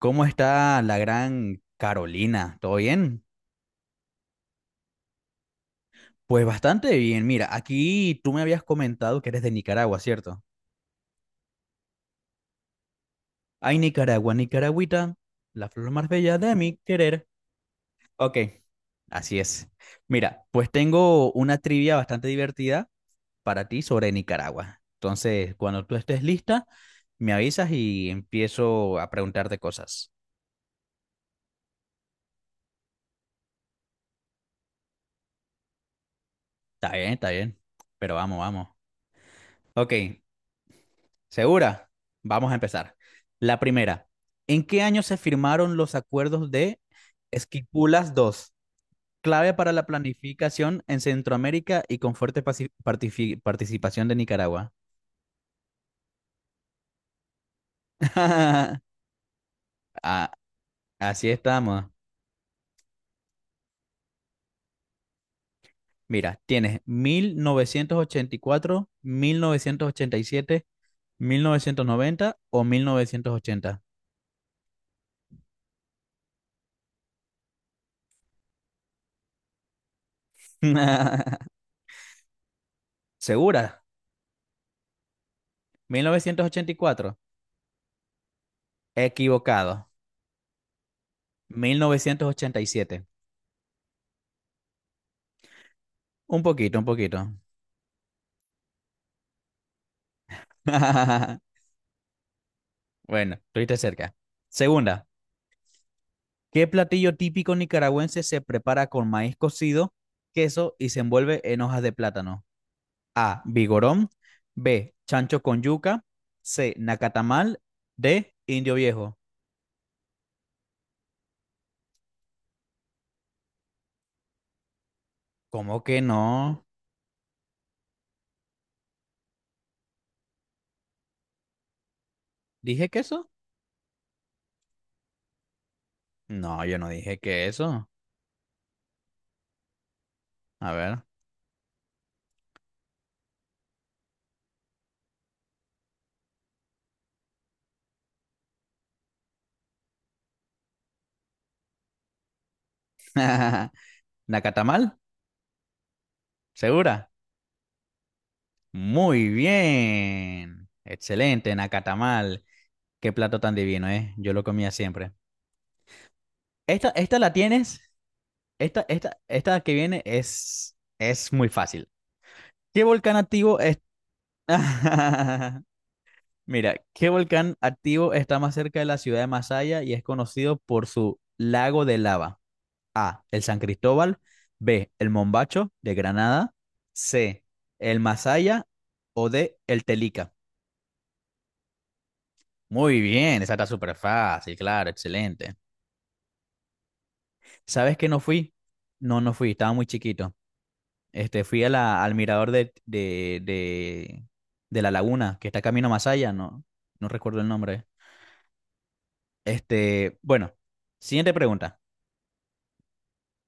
¿Cómo está la gran Carolina? ¿Todo bien? Pues bastante bien. Mira, aquí tú me habías comentado que eres de Nicaragua, ¿cierto? Ay, Nicaragua, Nicaragüita, la flor más bella de mi querer. Ok, así es. Mira, pues tengo una trivia bastante divertida para ti sobre Nicaragua. Entonces, cuando tú estés lista, me avisas y empiezo a preguntarte cosas. Está bien, está bien. Pero vamos, vamos. Ok, ¿segura? Vamos a empezar. La primera, ¿en qué año se firmaron los acuerdos de Esquipulas II, clave para la planificación en Centroamérica y con fuerte participación de Nicaragua? Ah, así estamos. Mira, tienes mil novecientos ochenta y cuatro, 1987, 1990 o 1980. ¿Segura? 1984. Equivocado. 1987. Un poquito, un poquito. Bueno, estuviste cerca. Segunda, ¿qué platillo típico nicaragüense se prepara con maíz cocido, queso y se envuelve en hojas de plátano? A. Vigorón. B. Chancho con yuca. C. Nacatamal. D. Indio viejo. ¿Cómo que no? ¿Dije queso? No, yo no dije queso. A ver. ¿Nacatamal? ¿Segura? Muy bien. Excelente, nacatamal. Qué plato tan divino, ¿eh? Yo lo comía siempre. Esta la tienes. Esta que viene es muy fácil. ¿Qué volcán activo es? Mira, ¿qué volcán activo está más cerca de la ciudad de Masaya y es conocido por su lago de lava? A. El San Cristóbal. B. El Mombacho de Granada. C. El Masaya. O D. El Telica. Muy bien, esa está súper fácil, claro, excelente. ¿Sabes que no fui? No, no fui, estaba muy chiquito. Fui a al mirador de la laguna, que está camino más allá, no, no recuerdo el nombre. Bueno, siguiente pregunta.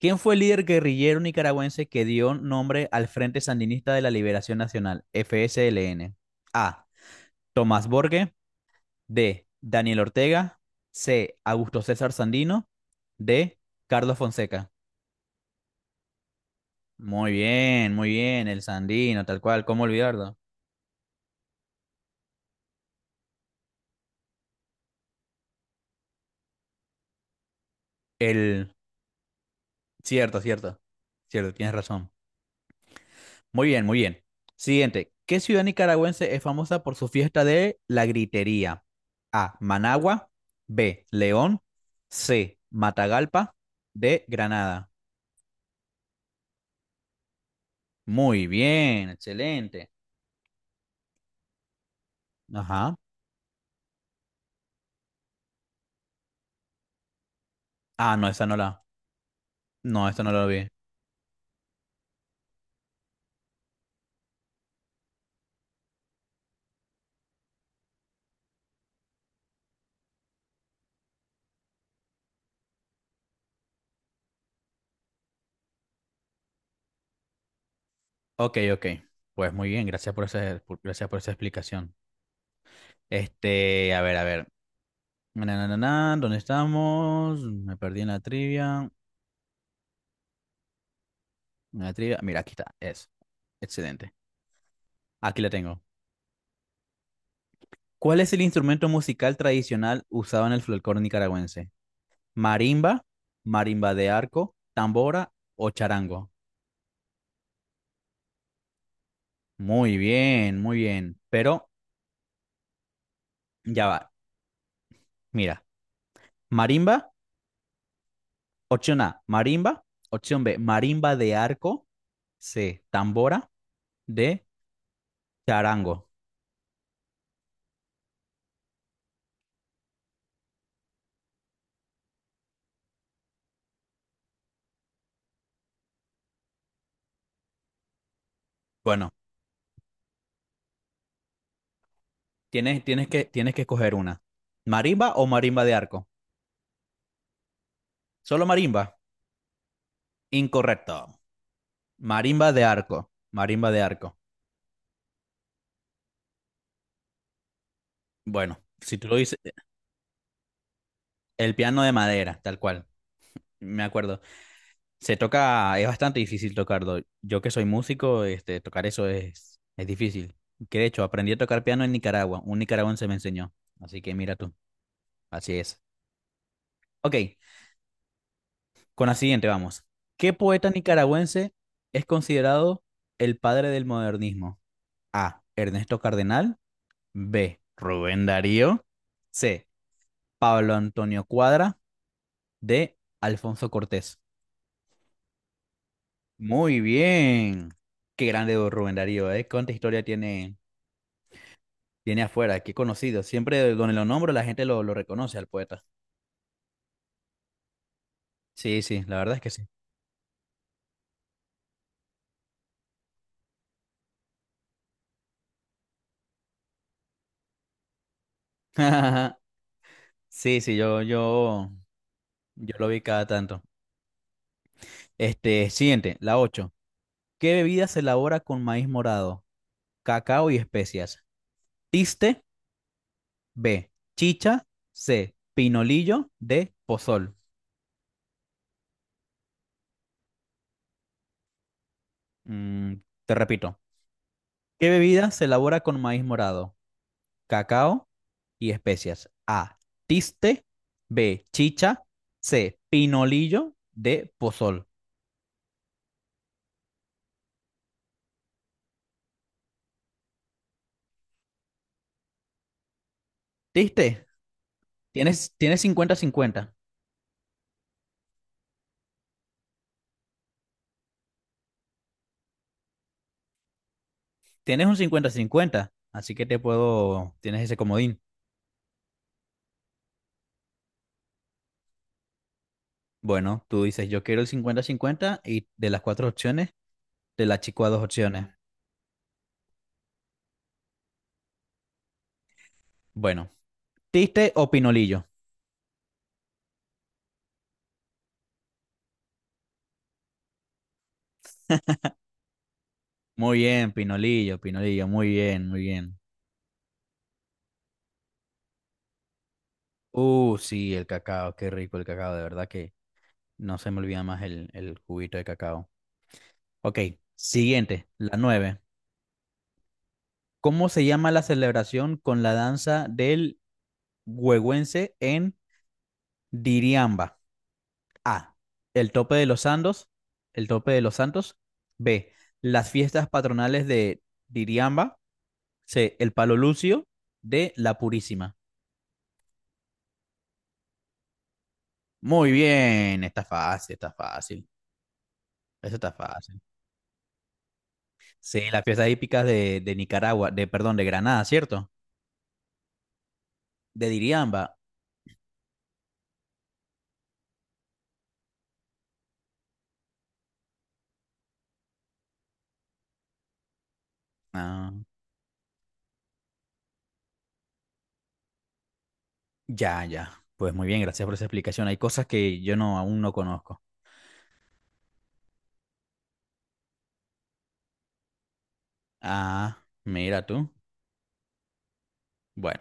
¿Quién fue el líder guerrillero nicaragüense que dio nombre al Frente Sandinista de la Liberación Nacional, FSLN? A. Tomás Borge. D. Daniel Ortega. C. Augusto César Sandino. D. Carlos Fonseca. Muy bien, el Sandino, tal cual, ¿cómo olvidarlo? El Cierto, cierto. Cierto, tienes razón. Muy bien, muy bien. Siguiente. ¿Qué ciudad nicaragüense es famosa por su fiesta de la gritería? A. Managua. B. León. C. Matagalpa. D. Granada. Muy bien, excelente. Ajá. Ah, no, esta no la. No, esta no la vi. Ok, ok. Pues muy bien, gracias gracias por esa explicación. A ver, a ver. Na, na, na, na, ¿dónde estamos? Me perdí en la trivia. Una trivia. Mira, aquí está. Es. Excelente. Aquí la tengo. ¿Cuál es el instrumento musical tradicional usado en el folclore nicaragüense? ¿Marimba? ¿Marimba de arco? ¿Tambora o charango? Muy bien, muy bien. Pero ya va. Mira. ¿Marimba? Opción A. ¿Marimba? Opción B. ¿Marimba de arco? C. ¿Tambora? D. Charango. Bueno, tienes que escoger una. ¿Marimba o marimba de arco? Solo marimba. Incorrecto. Marimba de arco, marimba de arco. Bueno, si tú lo dices, el piano de madera, tal cual, me acuerdo. Se toca, es bastante difícil tocarlo. Yo que soy músico, tocar eso es difícil. Que de hecho, aprendí a tocar piano en Nicaragua, un nicaragüense me enseñó. Así que mira tú, así es. Ok, con la siguiente vamos. ¿Qué poeta nicaragüense es considerado el padre del modernismo? A. Ernesto Cardenal. B. Rubén Darío. C. Pablo Antonio Cuadra. De Alfonso Cortés. Muy bien. Qué grande don Rubén Darío, ¿eh? ¿Cuánta historia tiene afuera? Qué conocido. Siempre donde lo nombro la gente lo reconoce al poeta. Sí, sí, la verdad es que sí. Sí, sí, yo lo vi cada tanto. Siguiente, la 8. ¿Qué bebida se elabora con maíz morado, cacao y especias? Tiste, B, chicha, C, pinolillo, D, pozol. Mm, te repito. ¿Qué bebida se elabora con maíz morado? Cacao y especias. A, tiste. B, chicha. C, pinolillo. D, pozol. ¿Tiste? Tienes, tienes cincuenta cincuenta Tienes un 50-50 así que te puedo, tienes ese comodín. Bueno, tú dices, yo quiero el 50-50 y de las 4 opciones, te la chico a 2 opciones. Bueno, ¿tiste o pinolillo? Muy bien, pinolillo, pinolillo, muy bien, muy bien. Sí, el cacao, qué rico el cacao, de verdad que no se me olvida más el juguito de cacao. Ok, siguiente, la 9. ¿Cómo se llama la celebración con la danza del huehuense en Diriamba? A. El tope de los santos. El tope de los santos. B. Las fiestas patronales de Diriamba. C. El palo lucio. D. La purísima. Muy bien, está fácil, está fácil. Eso está fácil. Sí, las fiestas hípicas de Nicaragua, de, perdón, de Granada, ¿cierto? De Diriamba. Ah, ya, ya. Pues muy bien, gracias por esa explicación. Hay cosas que yo no aún no conozco. Ah, mira tú. Bueno.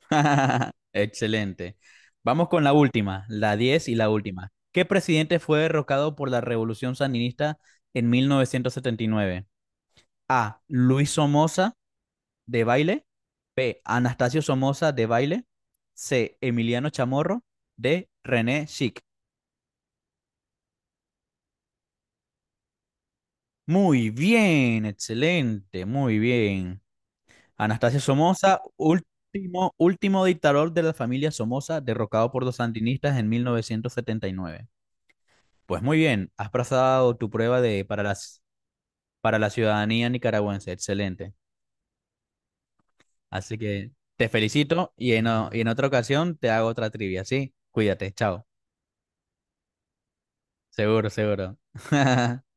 Excelente. Vamos con la última, la 10 y la última. ¿Qué presidente fue derrocado por la Revolución Sandinista en 1979? A. Luis Somoza de Baile. B. Anastasio Somoza de Baile. C. Emiliano Chamorro. D. René Schick. Muy bien, excelente, muy bien. Anastasio Somoza, último, último dictador de la familia Somoza, derrocado por los sandinistas en 1979. Pues muy bien, has pasado tu prueba para la ciudadanía nicaragüense. Excelente. Así que te felicito y y en otra ocasión te hago otra trivia, ¿sí? Cuídate, chao. Seguro, seguro.